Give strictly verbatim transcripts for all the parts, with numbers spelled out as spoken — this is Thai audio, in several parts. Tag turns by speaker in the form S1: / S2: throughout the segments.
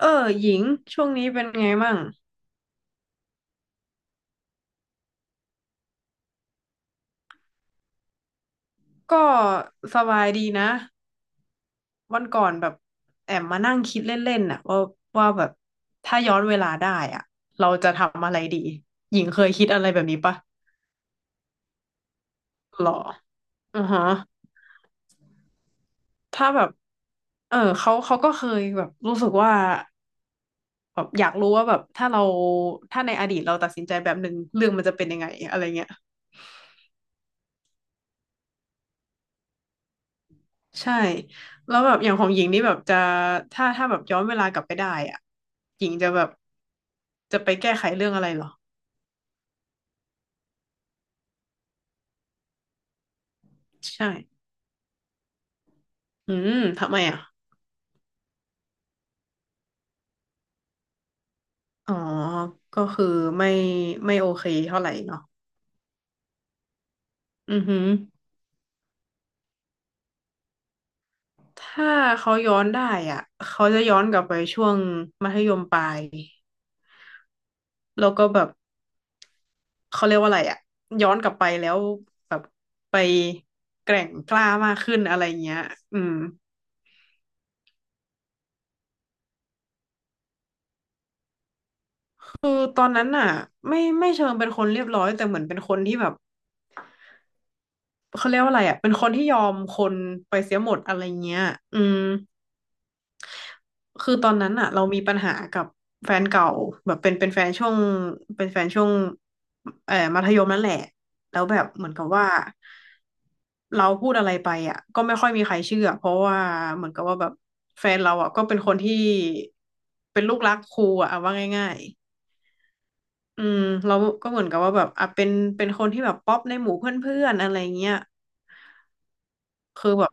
S1: เออหญิงช่วงนี้เป็นไงมั่งก็สบายดีนะวันก่อนแบบแอบมานั่งคิดเล่นๆน่ะว่าว่าแบบถ้าย้อนเวลาได้อ่ะเราจะทำอะไรดีหญิงเคยคิดอะไรแบบนี้ปะหรออือฮะถ้าแบบเออเขาเขาก็เคยแบบรู้สึกว่าแบบอยากรู้ว่าแบบถ้าเราถ้าในอดีตเราตัดสินใจแบบหนึ่งเรื่องมันจะเป็นยังไงอะไรเงี้ย ใช่แล้วแบบอย่างของหญิงนี่แบบจะถ้าถ้าแบบย้อนเวลากลับไปได้อ่ะหญิงจะแบบจะไปแก้ไขเรื่องอะไรเหรอใช่อืมทำไมอ่ะอ๋อก็คือไม่ไม่โอเคเท่าไหร่เนาะอือหือถ้าเขาย้อนได้อ่ะเขาจะย้อนกลับไปช่วงมัธยมปลายแล้วก็แบบเขาเรียกว่าอะไรอ่ะย้อนกลับไปแล้วแบบไปแกร่งกล้ามากขึ้นอะไรเงี้ยอืม คือตอนนั้นน่ะไม่ไม่เชิงเป็นคนเรียบร้อยแต่เหมือนเป็นคนที่แบบเขาเรียกว่าอะไรอ่ะเป็นคนที่ยอมคนไปเสียหมดอะไรเงี้ยอืมคือตอนนั้นน่ะเรามีปัญหากับแฟนเก่าแบบเป็นเป็นแฟนช่วงเป็นแฟนช่วงเอ่อมัธยมนั่นแหละแล้วแบบเหมือนกับว่าเราพูดอะไรไปอ่ะก็ไม่ค่อยมีใครเชื่อเพราะว่าเหมือนกับว่าแบบแฟนเราอ่ะก็เป็นคนที่เป็นลูกรักครูอ่ะเอาว่าง่ายๆ อืมเราก็เหมือนกับว่าแบบอ่ะเป็นเป็นคนที่แบบป๊อปในหมู่เพื่อนๆอะไรเงี้ยคือแบบ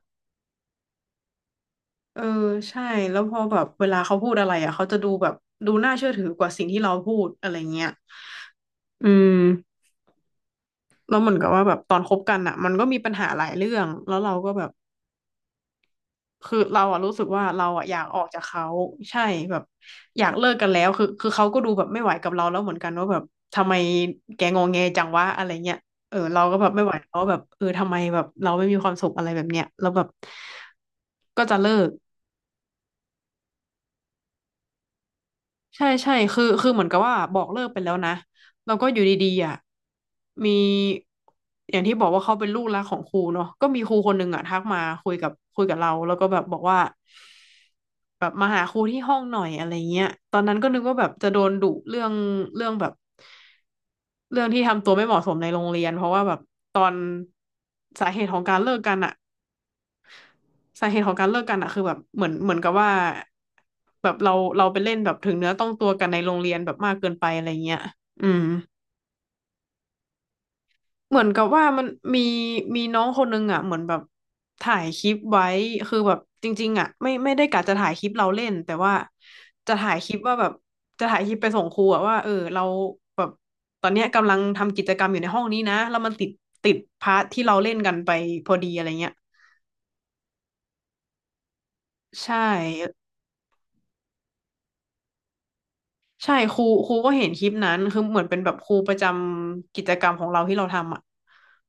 S1: เออใช่แล้วพอแบบเวลาเขาพูดอะไรอ่ะเขาจะดูแบบดูน่าเชื่อถือกว่าสิ่งที่เราพูดอะไรเงี้ยอืมแล้วเหมือนกับว่าแบบตอนคบกันอ่ะมันก็มีปัญหาหลายเรื่องแล้วเราก็แบบ คือเราอะรู้สึกว่าเราอะอยากออกจากเขาใช่แบบอยากเลิกกันแล้วคือคือเขาก็ดูแบบไม่ไหวกับเราแล้วเหมือนกันว่าแบบทำไมแกงอแงจังวะอะไรเงี้ยเออเราก็แบบไม่ไหวแล้วว่าแบบเออทำไมแบบเราไม่มีความสุขอะไรแบบเนี้ยแล้วแบบก็จะเลิก ใช่ใช่คือคือเหมือนกับว่าบอกเลิกไปแล้วนะแล้วก็อยู่ดีๆอ่ะมีอย่างที่บอกว่าเขาเป็นลูกรักของครูเนาะก็มีครูคนหนึ่งอ่ะทักมาคุยกับคุยกับเราแล้วก็แบบบอกว่าแบบมาหาครูที่ห้องหน่อยอะไรเงี้ยตอนนั้นก็นึกว่าแบบจะโดนดุเรื่องเรื่องแบบเรื่องที่ทำตัวไม่เหมาะสมในโรงเรียนเพราะว่าแบบตอนสาเหตุของการเลิกกันอ่ะ สาเหตุของการเลิกกันอะคือแบบเหมือนเหมือนกับว่าแบบเราเราไปเล่นแบบถึงเนื้อต้องตัวกันในโรงเรียนแบบมากเกินไปอะไรเงี้ยอืมเหมือนกับว่ามันมีมีน้องคนนึงอ่ะเหมือนแบบถ่ายคลิปไว้คือแบบจริงๆอ่ะไม่ไม่ได้กะจะถ่ายคลิปเราเล่นแต่ว่าจะถ่ายคลิปว่าแบบจะถ่ายคลิปไปส่งครูอ่ะว่าเออเราแบบตอนเนี้ยกำลังทำกิจกรรมอยู่ในห้องนี้นะแล้วมันติดติดพาร์ทที่เราเล่นกันไปพอดีอะไรเงี้ยใช่ ใช่ครูครูก็เห็นคลิปนั้นคือเหมือนเป็นแบบครูประจำกิจกรรมของเราที่เราทำอ่ะ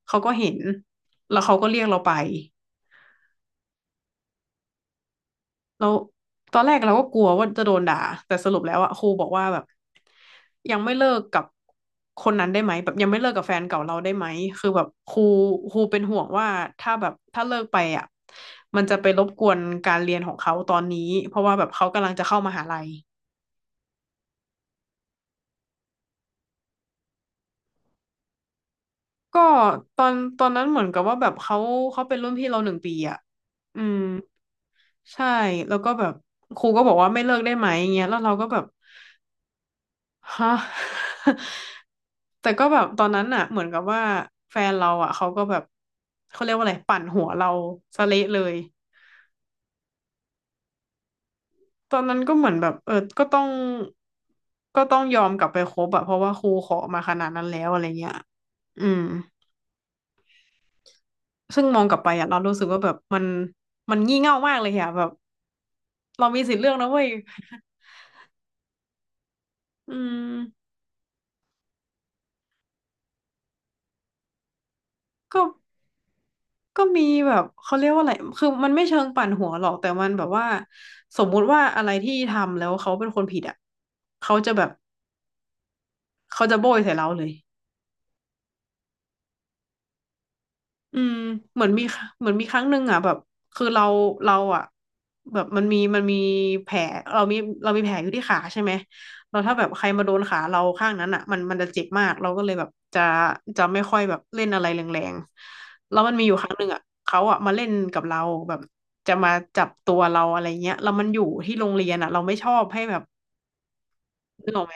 S1: เขาก็เห็นแล้วเขาก็เรียกเราไปแล้วตอนแรกเราก็กลัวว่าจะโดนด่าแต่สรุปแล้วอ่ะครูบอกว่าแบบยังไม่เลิกกับคนนั้นได้ไหมแบบยังไม่เลิกกับแฟนเก่าเราได้ไหมคือแบบครูครูเป็นห่วงว่าถ้าแบบถ้าเลิกไปอ่ะมันจะไปรบกวนการเรียนของเขาตอนนี้เพราะว่าแบบเขากำลังจะเข้ามหาลัย ก็ตอนตอนนั้นเหมือนกับว่าแบบเขาเขาเป็นรุ่นพี่เราหนึ่งปีอ่ะอืมใช่แล้วก็แบบครูก็บอกว่าไม่เลิกได้ไหมอย่างเงี้ยแล้วเราก็แบบฮะ แต่ก็แบบตอนนั้นน่ะเหมือนกับว่าแฟนเราอ่ะเขาก็แบบเขาเรียกว่าอะไรปั่นหัวเราซะเละเลยตอนนั้นก็เหมือนแบบเออก็ต้องก็ต้องยอมกลับไปคบอะเพราะว่าครูขอมาขนาดนั้นแล้วอะไรเงี้ยอืม ซึ่งมองกลับไปอะเรารู้สึกว่าแบบมันมันงี่เง่ามากเลยอะแบบเรามีสิทธิ์เลือกนะเว้ยอืมก็ก็มีแบบเขาเรียกว่าอะไรคือมันไม่เชิงปั่นหัวหรอกแต่มันแบบว่าสมมุติว่าอะไรที่ทำแล้วเขาเป็นคนผิดอ่ะเขาจะแบบเขาจะโบยใส่เราเลย อืมเหมือนมีเหมือนมีครั้งหนึ่งอ่ะแบบคือเราเราอ่ะแบบมันมีมันมีแผลเรามีเรามีแผลอยู่ที่ขาใช่ไหมเราถ้าแบบใครมาโดนขาเราข้างนั้นอ่ะมันมันจะเจ็บมากเราก็เลยแบบจะจะไม่ค่อยแบบเล่นอะไรแรงๆแล้วมันมีอยู่ครั้งหนึ่งอ่ะเขาอ่ะมาเล่นกับเราแบบจะมาจับตัวเราอะไรเงี้ยแล้วมันอยู่ที่โรงเรียนอ่ะเราไม่ชอบให้แบบนึกออกไหม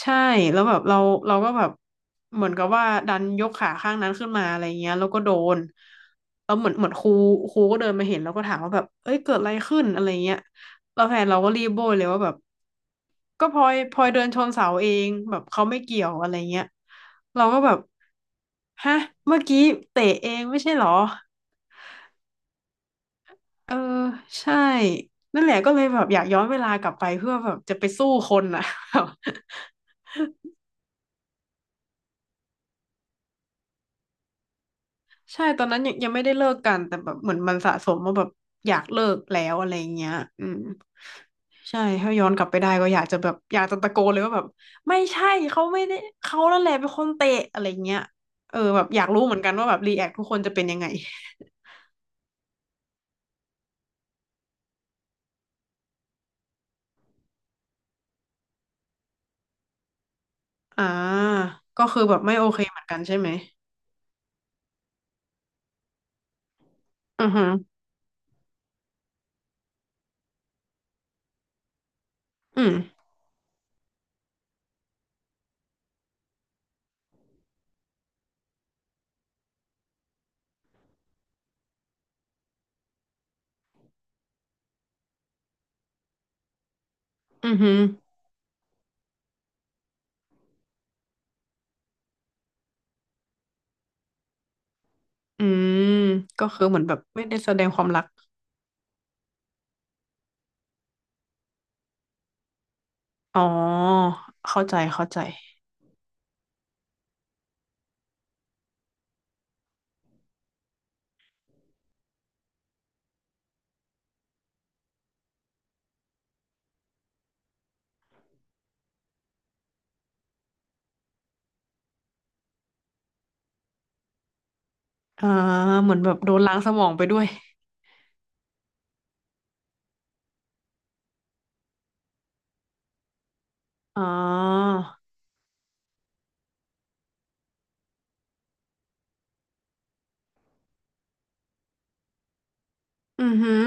S1: ใช่แล้วแบบเราเราก็แบบเหมือนกับว่าดันยกขาข้างนั้นขึ้นมาอะไรเงี้ยแล้วก็โดนแล้วเหมือนเหมือนครูครูก็เดินมาเห็นแล้วก็ถามว่าแบบเอ้ยเกิดอะไรขึ้นอะไรเงี้ยแล้วแฟนเราก็รีบโบยเลยว่าแบบก็พลอยพลอยเดินชนเสาเองแบบเขาไม่เกี่ยวอะไรเงี้ยเราก็แบบฮะเมื่อกี้เตะเองไม่ใช่เหรอเออใช่นั่นแหละก็เลยแบบอยากย้อนเวลากลับไปเพื่อแบบจะไปสู้คนอ่ะ ใช่ตอนนั้นยังยังไม่ได้เลิกกันแต่แบบเหมือนมันสะสมว่าแบบอยากเลิกแล้วอะไรเงี้ยอืมใช่ถ้าย้อนกลับไปได้ก็อยากจะแบบอยากจะตะโกนเลยว่าแบบไม่ใช่เขาไม่ได้เขานั่นแหละเป็นคนเตะอะไรเงี้ยเออแบบอยากรู้เหมือนกันว่าแบบรีแอคทุกคนจะเป็นยังไงอ่าก็คือแบบไม่โอเคเหมือนกันใช่ไหมอือฮึอืมอือฮึอืมก็คือเหมือนแบบไม่ได้แสดงความรักอ๋อเข้าใจเข้าใจอ่าเหมือนแบบโดนล้างสมองไปด้วยอ๋อ อือหือ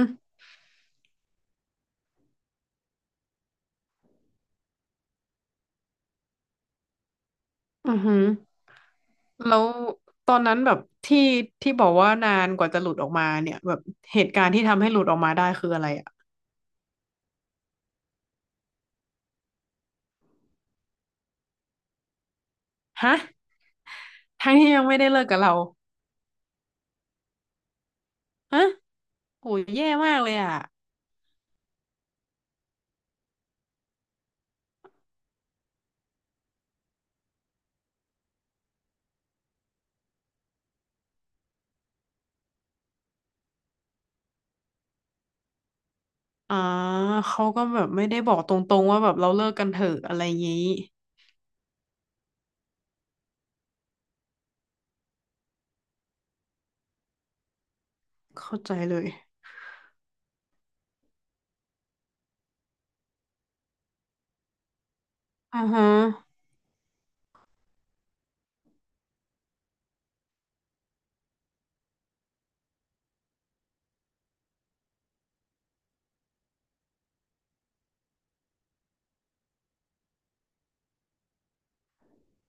S1: อือหือแล้วตอนนั้นแบบที่ที่บอกว่านานกว่าจะหลุดออกมาเนี่ยแบบเหตุการณ์ที่ทำให้หลุดออกมาได้คืออะไรอ่ะฮะทั้งที่ยังไม่ได้เลิกกับเราฮะโหแย่มากเลยอ่ะอ๋อเขาก็แบบไม่ได้บอกตรงๆว่าแบบเราเลิกกันเถอะอะไรงี้เข้าใจเลยอือฮึ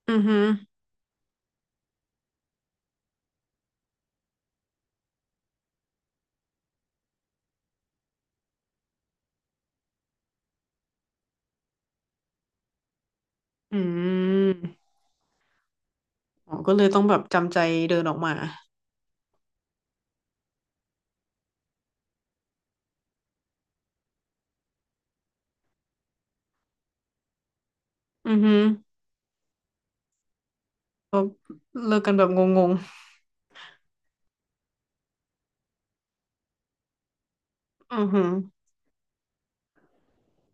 S1: อือฮึอืมอ๋อก็เลยต้องแบบจำใจเดินออกมาอือฮึก็เลิกกันแบบงงๆอือฮึ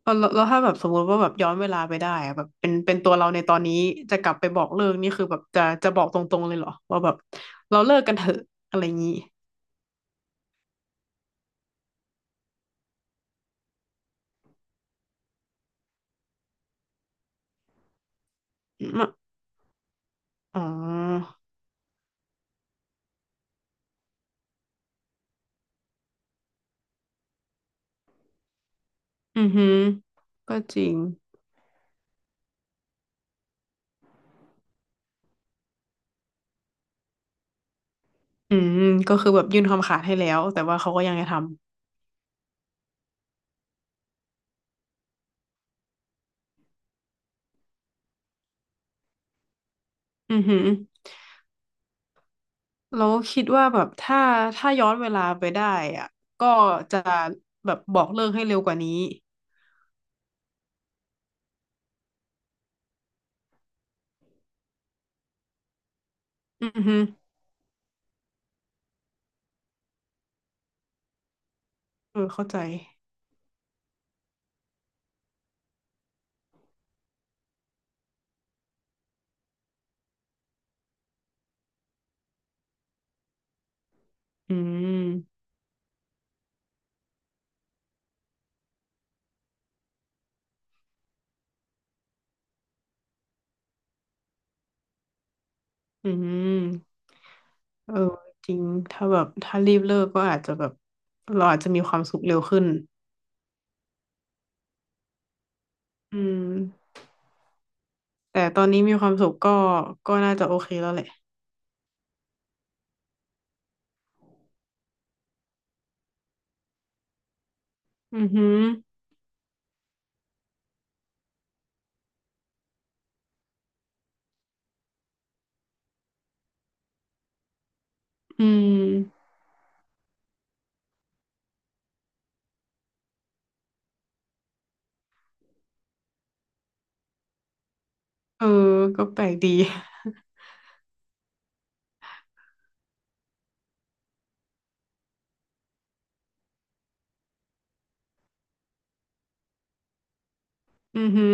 S1: เอาแล้วแล้วถ้าแบบสมมติว่าแบบย้อนเวลาไปได้อะแบบเป็นเป็นตัวเราในตอนนี้จะกลับไปบอกเลิกนี่คือแบบจะจะบอกตรงๆเลยเหรอว่าแบบเราเลิกกันเถอะอะไรอย่างงี้อืมอ๋ออือหือก็จริงอืมก็คือแบบยื่นคำขาดให้แล้วแต่ว่าเขาก็ยังจะทำอือหือเราคิดว่าแบบถ้าถ้าย้อนเวลาไปได้อะก็จะแบบบอกเลิกให้เร็วกว่านี้อือฮึเออเข้าใจอืมอืม เออจริงถ้าแบบถ้ารีบเลิกก็อาจจะแบบเราอาจจะมีความสุขเร็วขึ้นอืมแต่ตอนนี้มีความสุขก็ก็น่าจะโอเคแล้วแหละอือหืออืมเออก็แปลกดีอือหือ